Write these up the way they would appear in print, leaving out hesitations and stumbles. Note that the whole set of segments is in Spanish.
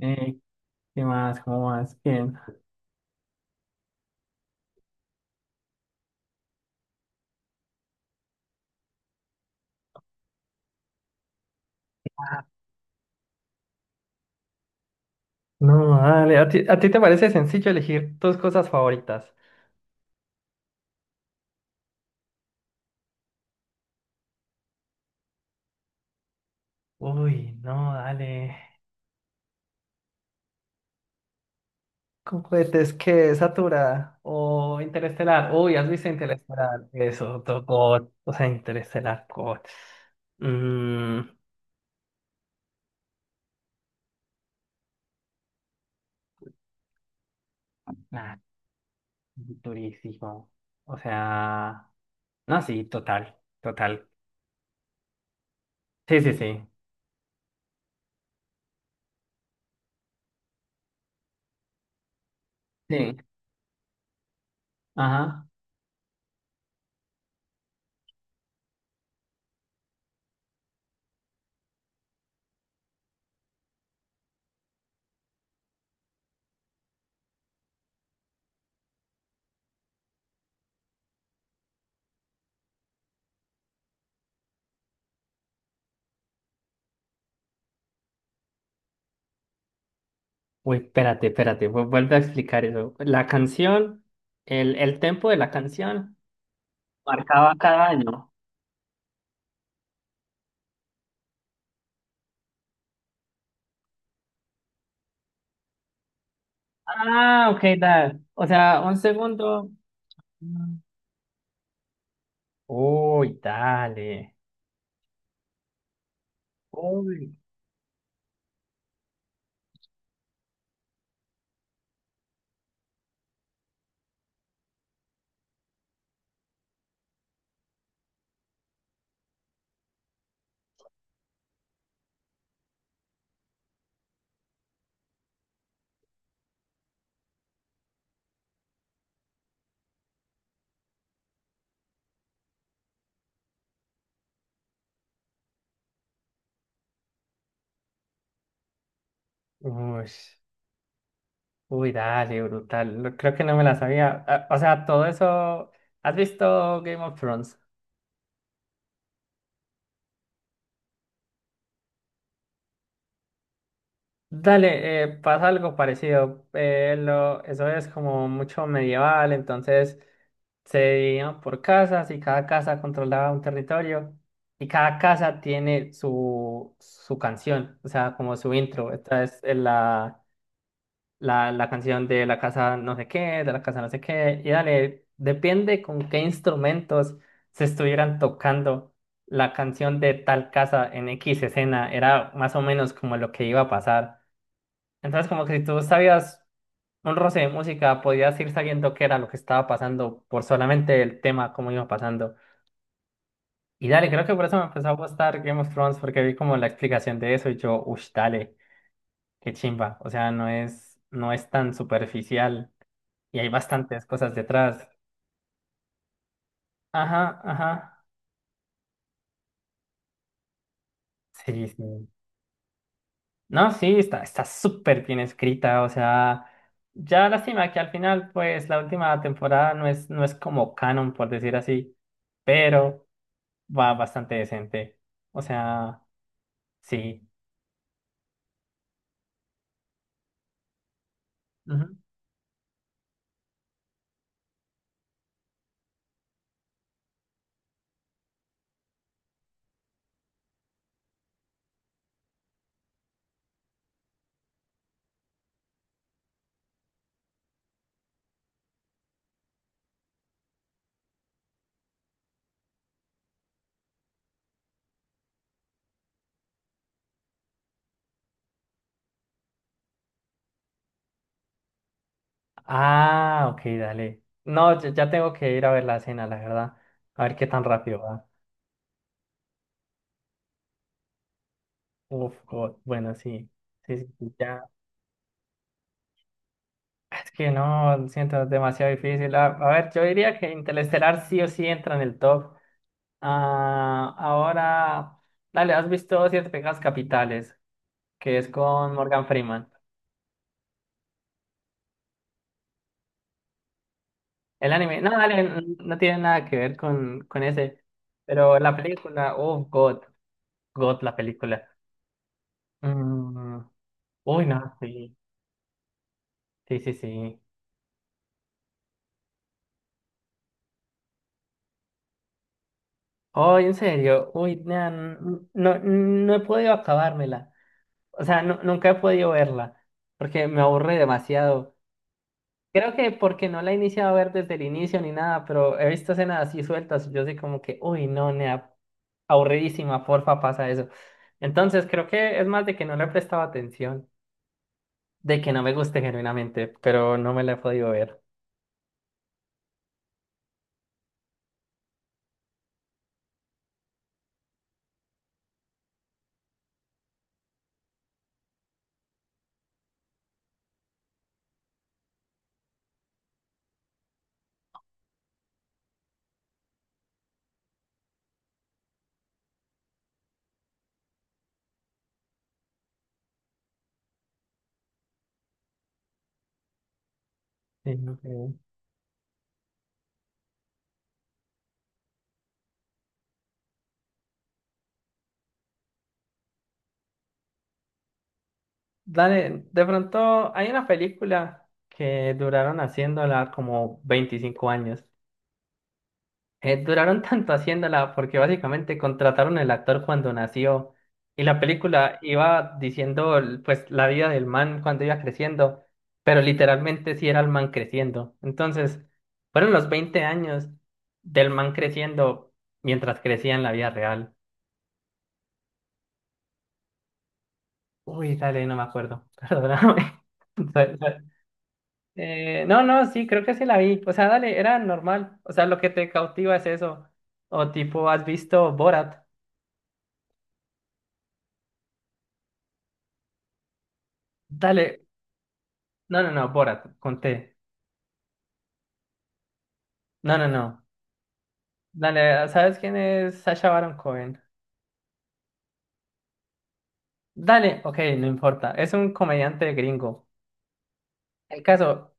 Eh, ¿Qué más? ¿Cómo más? Bien. No, dale. ¿A ti te parece sencillo elegir tus cosas favoritas? Uy, no, dale. ¿Con cohetes qué? ¿Satura? ¿O Interestelar? Uy, ¿has visto Interestelar? Eso, God. O sea, Interestelar, God. Mmm. Nah, durísimo. O sea. No, sí, total. Total. Sí, sí, sí. Sí. Ajá. Uy, espérate, vuelve a explicar eso. La canción, el tempo de la canción marcaba cada año. Ah, ok, dale. O sea, un segundo. Mm. Uy, dale. Uy. Uy, uy, dale, brutal. No, creo que no me la sabía. Ah, o sea, todo eso. ¿Has visto Game of Thrones? Dale, pasa algo parecido. Eso es como mucho medieval, entonces. Se dividían por casas y cada casa controlaba un territorio y cada casa tiene su canción, o sea, como su intro. Esta es la canción de la casa no sé qué, de la casa no sé qué, y dale, depende con qué instrumentos se estuvieran tocando la canción de tal casa en X escena, era más o menos como lo que iba a pasar. Entonces, como que si tú sabías un roce de música, podías ir sabiendo qué era lo que estaba pasando por solamente el tema, cómo iba pasando. Y dale, creo que por eso me empezó a gustar Game of Thrones, porque vi como la explicación de eso y yo, uff, dale, qué chimba. O sea, no es tan superficial y hay bastantes cosas detrás. Ajá, ajá. Sí, sí. No, sí, está súper bien escrita, o sea. Ya lástima que al final, pues, la última temporada no es como canon, por decir así. Pero va bastante decente. O sea, sí. Ujú. Ah, ok, dale. No, ya tengo que ir a ver la cena, la verdad. A ver qué tan rápido va. Uf, God, bueno, sí. Sí, sí, sí, ya. Es que no, lo siento, es demasiado difícil. A ver, yo diría que Interestelar sí o sí entra en el top. Ah, ahora, dale, ¿has visto Siete Pecados Capitales? Que es con Morgan Freeman. El anime, no, dale, no tiene nada que ver con ese. Pero la película, oh, God, God, la película. Mm, uy, no, sí, sí, sí, sí. Oh, en serio, uy, nah, no, no he podido acabármela. O sea, nunca he podido verla, porque me aburre demasiado. Creo que porque no la he iniciado a ver desde el inicio ni nada, pero he visto escenas así sueltas. Y yo soy como que, uy, no, nea, aburridísima, porfa, pasa eso. Entonces, creo que es más de que no le he prestado atención, de que no me guste genuinamente, pero no me la he podido ver. Sí, ok. Dale, de pronto hay una película que duraron haciéndola como 25 años. Duraron tanto haciéndola porque básicamente contrataron el actor cuando nació y la película iba diciendo pues la vida del man cuando iba creciendo, pero literalmente sí era el man creciendo. Entonces, fueron los 20 años del man creciendo mientras crecía en la vida real. Uy, dale, no me acuerdo. Perdóname. Soy- soy- no, no, sí, creo que sí la vi. O sea, dale, era normal. O sea, lo que te cautiva es eso. O tipo, ¿has visto Borat? Dale. No, no, no, Borat, conté. No, no, no. Dale, ¿sabes quién es Sacha Baron Cohen? Dale, ok, no importa. Es un comediante gringo. El caso,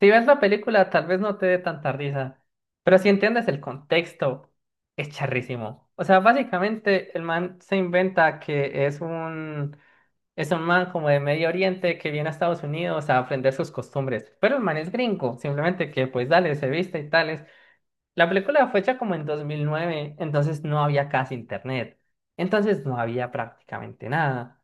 si ves la película, tal vez no te dé tanta risa, pero si entiendes el contexto, es charrísimo. O sea, básicamente el man se inventa que es un man como de Medio Oriente que viene a Estados Unidos a aprender sus costumbres, pero el man es gringo, simplemente que pues dale, se viste y tales. La película fue hecha como en 2009, entonces no había casi internet, entonces no había prácticamente nada.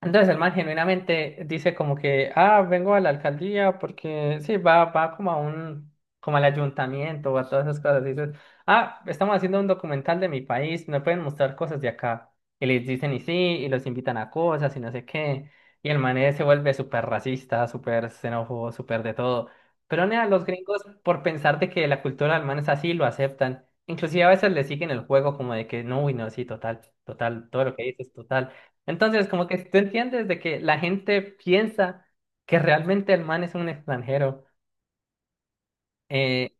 Entonces el man genuinamente dice como que, ah, vengo a la alcaldía porque sí, va como a un, como al ayuntamiento o a todas esas cosas. Y dices, ah, estamos haciendo un documental de mi país, me pueden mostrar cosas de acá. Y les dicen y sí, y los invitan a cosas y no sé qué. Y el man se vuelve súper racista, súper xenófobo, súper de todo. Pero nea, los gringos, por pensar de que la cultura del man es así, lo aceptan. Inclusive a veces le siguen el juego como de que, no, uy, no, sí, total, total, todo lo que dices, total. Entonces, como que tú entiendes de que la gente piensa que realmente el man es un extranjero. Eh,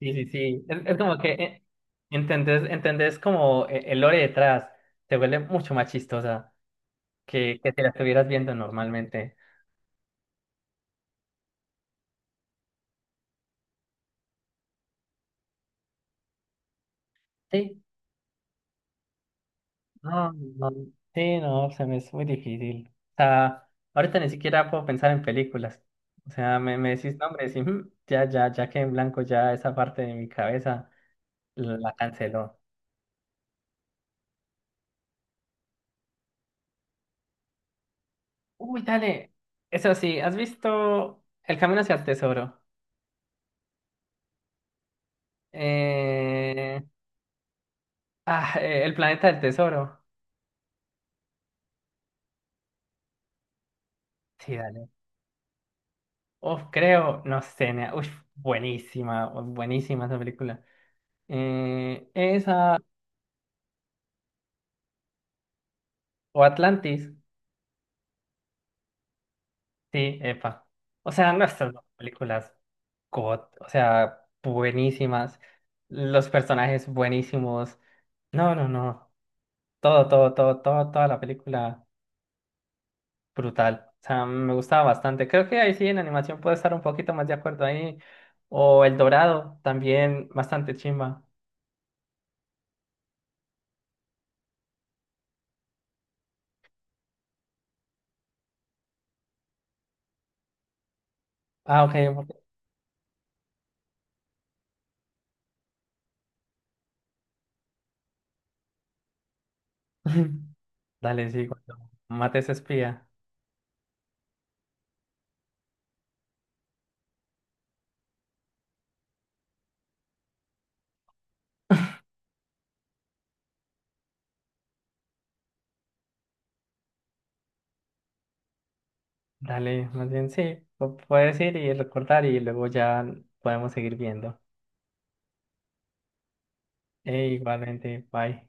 sí, sí, sí. Es como que entendés como el lore detrás. Te vuelve mucho más chistosa que si la estuvieras viendo normalmente. Sí, no, no, sí, no, se me es muy difícil. O sea, ahorita ni siquiera puedo pensar en películas. O sea, me decís nombres y mm, ya que en blanco ya esa parte de mi cabeza la canceló. Uy, dale. Eso sí, ¿has visto El Camino hacia el Tesoro? Eh... Ah, El Planeta del Tesoro. Sí, dale. Uf, creo, no sé, nea. Uf, buenísima, buenísima esa película. Eh, esa, o Atlantis. Sí, epa. O sea, no, estas dos películas, God, o sea, buenísimas. Los personajes buenísimos. No, no, no. Todo, todo, todo, todo, toda la película. Brutal. O sea, me gustaba bastante. Creo que ahí sí en animación puedo estar un poquito más de acuerdo ahí. O El Dorado, también bastante chimba. Ah, ok. Ok. Dale, sí, cuando mates espía. Dale, más bien sí. Puedes ir y recordar y luego ya podemos seguir viendo. Igualmente, bye.